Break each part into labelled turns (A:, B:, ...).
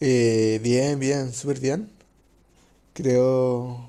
A: Bien, bien, súper bien. Creo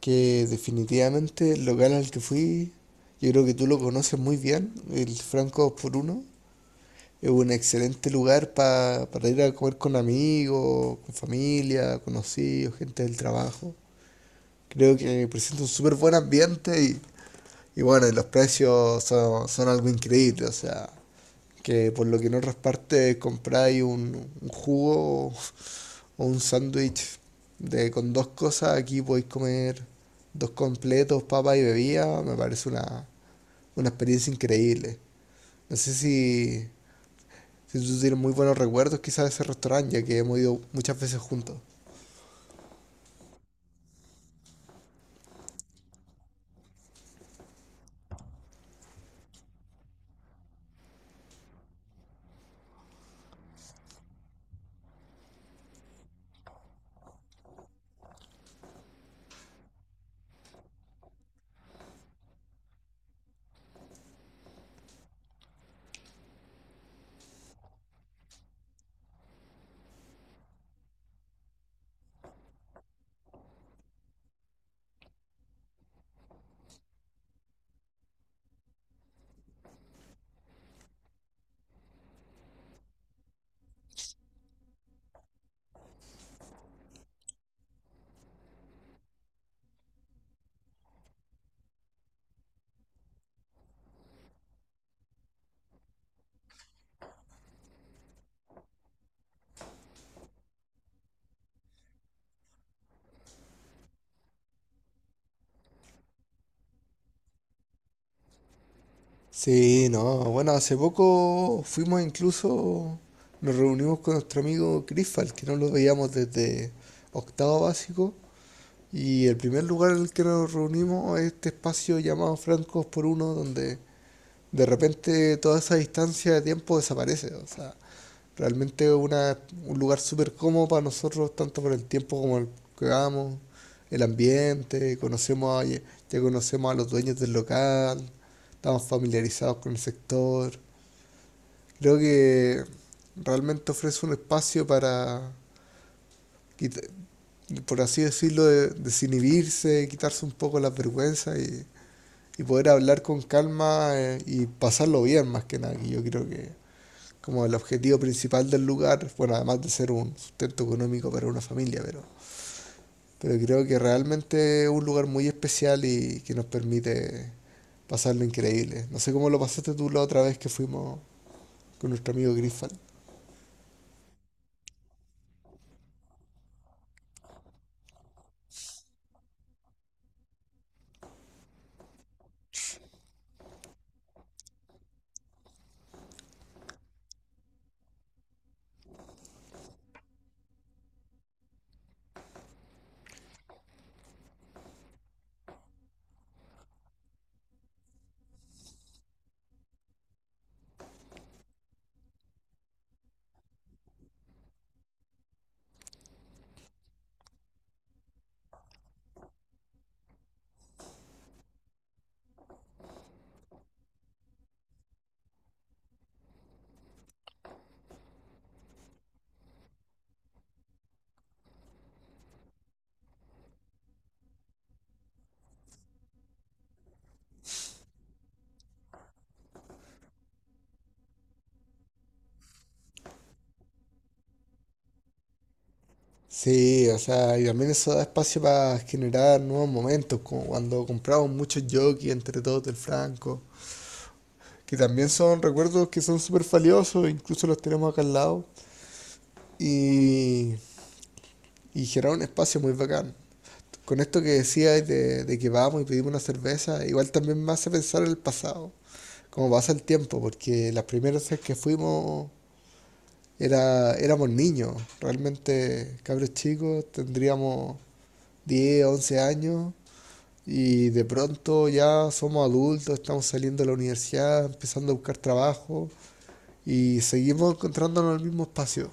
A: que definitivamente el local al que fui, yo creo que tú lo conoces muy bien, el Franco 2 por uno, es un excelente lugar para ir a comer con amigos, con familia, conocidos, gente del trabajo. Creo que presenta un súper buen ambiente y bueno, y los precios son, son algo increíble, o sea, que por lo que en otras partes compráis un jugo o, un sándwich de con dos cosas, aquí podéis comer dos completos, papas y bebida, me parece una experiencia increíble. No sé si, si tú tienes muy buenos recuerdos quizás de ese restaurante, ya que hemos ido muchas veces juntos. Sí, no, bueno, hace poco fuimos incluso, nos reunimos con nuestro amigo Crisfal, que no lo veíamos desde octavo básico. Y el primer lugar en el que nos reunimos es este espacio llamado Francos por Uno, donde de repente toda esa distancia de tiempo desaparece. O sea, realmente una, un lugar súper cómodo para nosotros, tanto por el tiempo como el que vamos, el ambiente, ya conocemos a los dueños del local, estamos familiarizados con el sector. Creo que realmente ofrece un espacio para, quita- por así decirlo, desinhibirse, quitarse un poco las vergüenzas y poder hablar con calma y pasarlo bien más que nada, que yo creo que como el objetivo principal del lugar, bueno, además de ser un sustento económico para una familia, pero creo que realmente es un lugar muy especial y que nos permite pasarlo increíble. No sé cómo lo pasaste tú la otra vez que fuimos con nuestro amigo Griffal. Sí, o sea, y también eso da espacio para generar nuevos momentos, como cuando compramos muchos jockeys entre todos del Franco, que también son recuerdos que son súper valiosos, incluso los tenemos acá al lado, y, y generar un espacio muy bacán. Con esto que decías de que vamos y pedimos una cerveza, igual también me hace pensar en el pasado, cómo pasa el tiempo, porque las primeras veces que fuimos era, éramos niños, realmente cabros chicos, tendríamos 10 11 años, y de pronto ya somos adultos, estamos saliendo de la universidad, empezando a buscar trabajo y seguimos encontrándonos en el mismo espacio.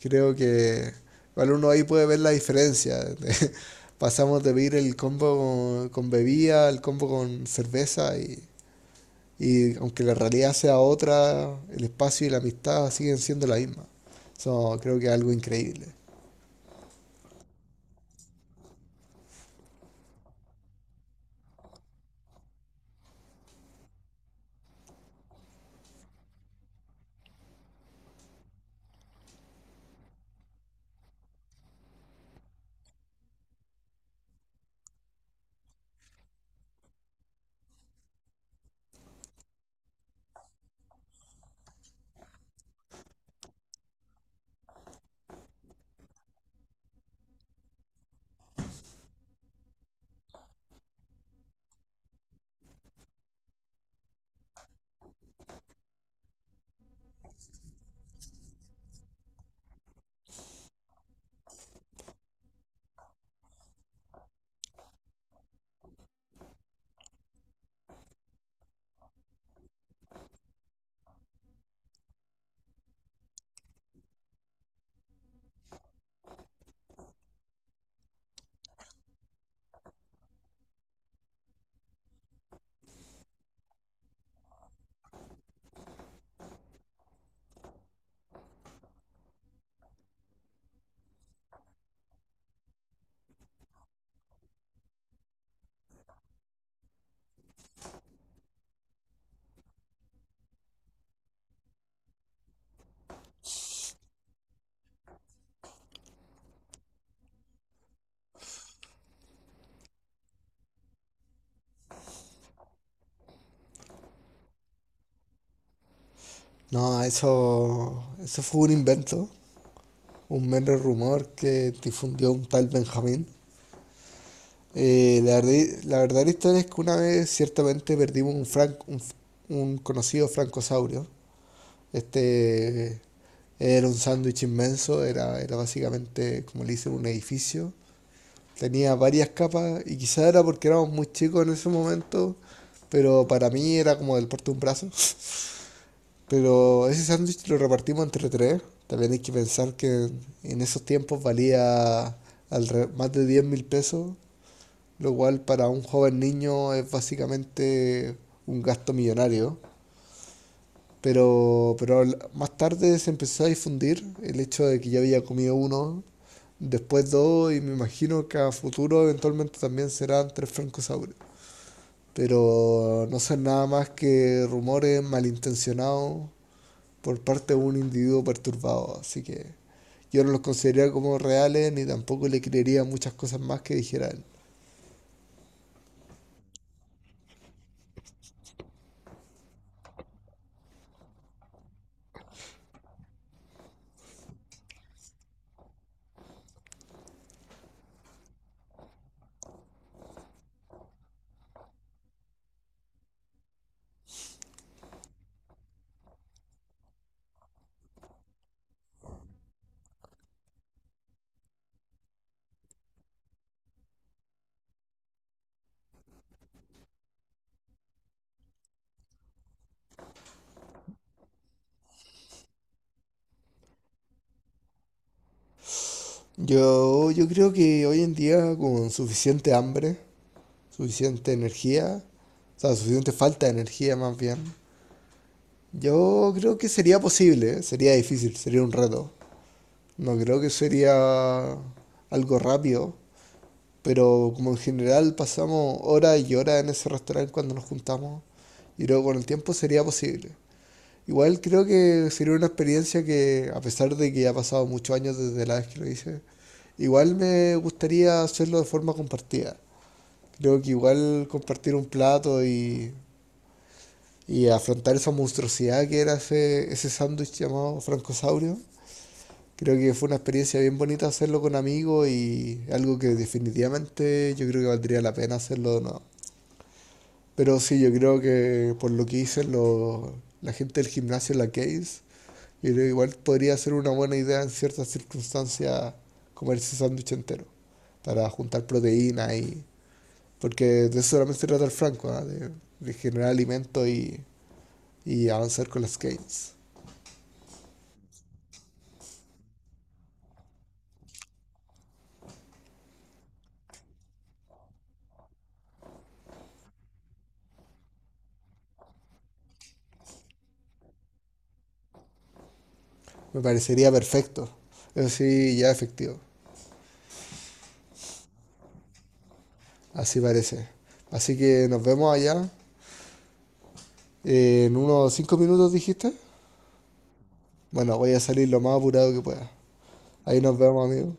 A: Creo que igual uno ahí puede ver la diferencia. Pasamos de pedir el combo con bebida, el combo con cerveza y aunque la realidad sea otra, el espacio y la amistad siguen siendo la misma. Eso creo que es algo increíble. No, eso fue un invento, un mero rumor que difundió un tal Benjamín. Eh, la verdad, la verdad historia es que una vez ciertamente perdimos un conocido francosaurio. Este era un sándwich inmenso, era, era básicamente, como le dicen, un edificio. Tenía varias capas y quizá era porque éramos muy chicos en ese momento, pero para mí era como del porte de un brazo. Pero ese sándwich lo repartimos entre tres. También hay que pensar que en, esos tiempos valía más de 10.000 pesos, lo cual para un joven niño es básicamente un gasto millonario. Pero más tarde se empezó a difundir el hecho de que ya había comido uno, después dos, y me imagino que a futuro eventualmente también serán tres francosaurios. Pero no son nada más que rumores malintencionados por parte de un individuo perturbado, así que yo no los consideraría como reales ni tampoco le creería muchas cosas más que dijera él. Yo creo que hoy en día con suficiente hambre, suficiente energía, o sea, suficiente falta de energía más bien, yo creo que sería posible, ¿eh? Sería difícil, sería un reto. No creo que sería algo rápido, pero como en general pasamos horas y horas en ese restaurante cuando nos juntamos, y luego con el tiempo sería posible. Igual creo que sería una experiencia que, a pesar de que ya ha pasado muchos años desde la vez que lo hice, igual me gustaría hacerlo de forma compartida. Creo que igual compartir un plato y afrontar esa monstruosidad que era ese, ese sándwich llamado francosaurio, creo que fue una experiencia bien bonita hacerlo con amigos y algo que definitivamente yo creo que valdría la pena hacerlo de nuevo. Pero sí, yo creo que por lo que hice lo- la gente del gimnasio La Case, yo creo que igual podría ser una buena idea en ciertas circunstancias comerse sándwich entero para juntar proteína y... Porque de eso solamente se trata el Franco, ¿ah? De generar alimento y avanzar con las gains. Me parecería perfecto. Eso sí, ya efectivo. Así parece. Así que nos vemos allá. En unos 5 minutos dijiste. Bueno, voy a salir lo más apurado que pueda. Ahí nos vemos, amigos.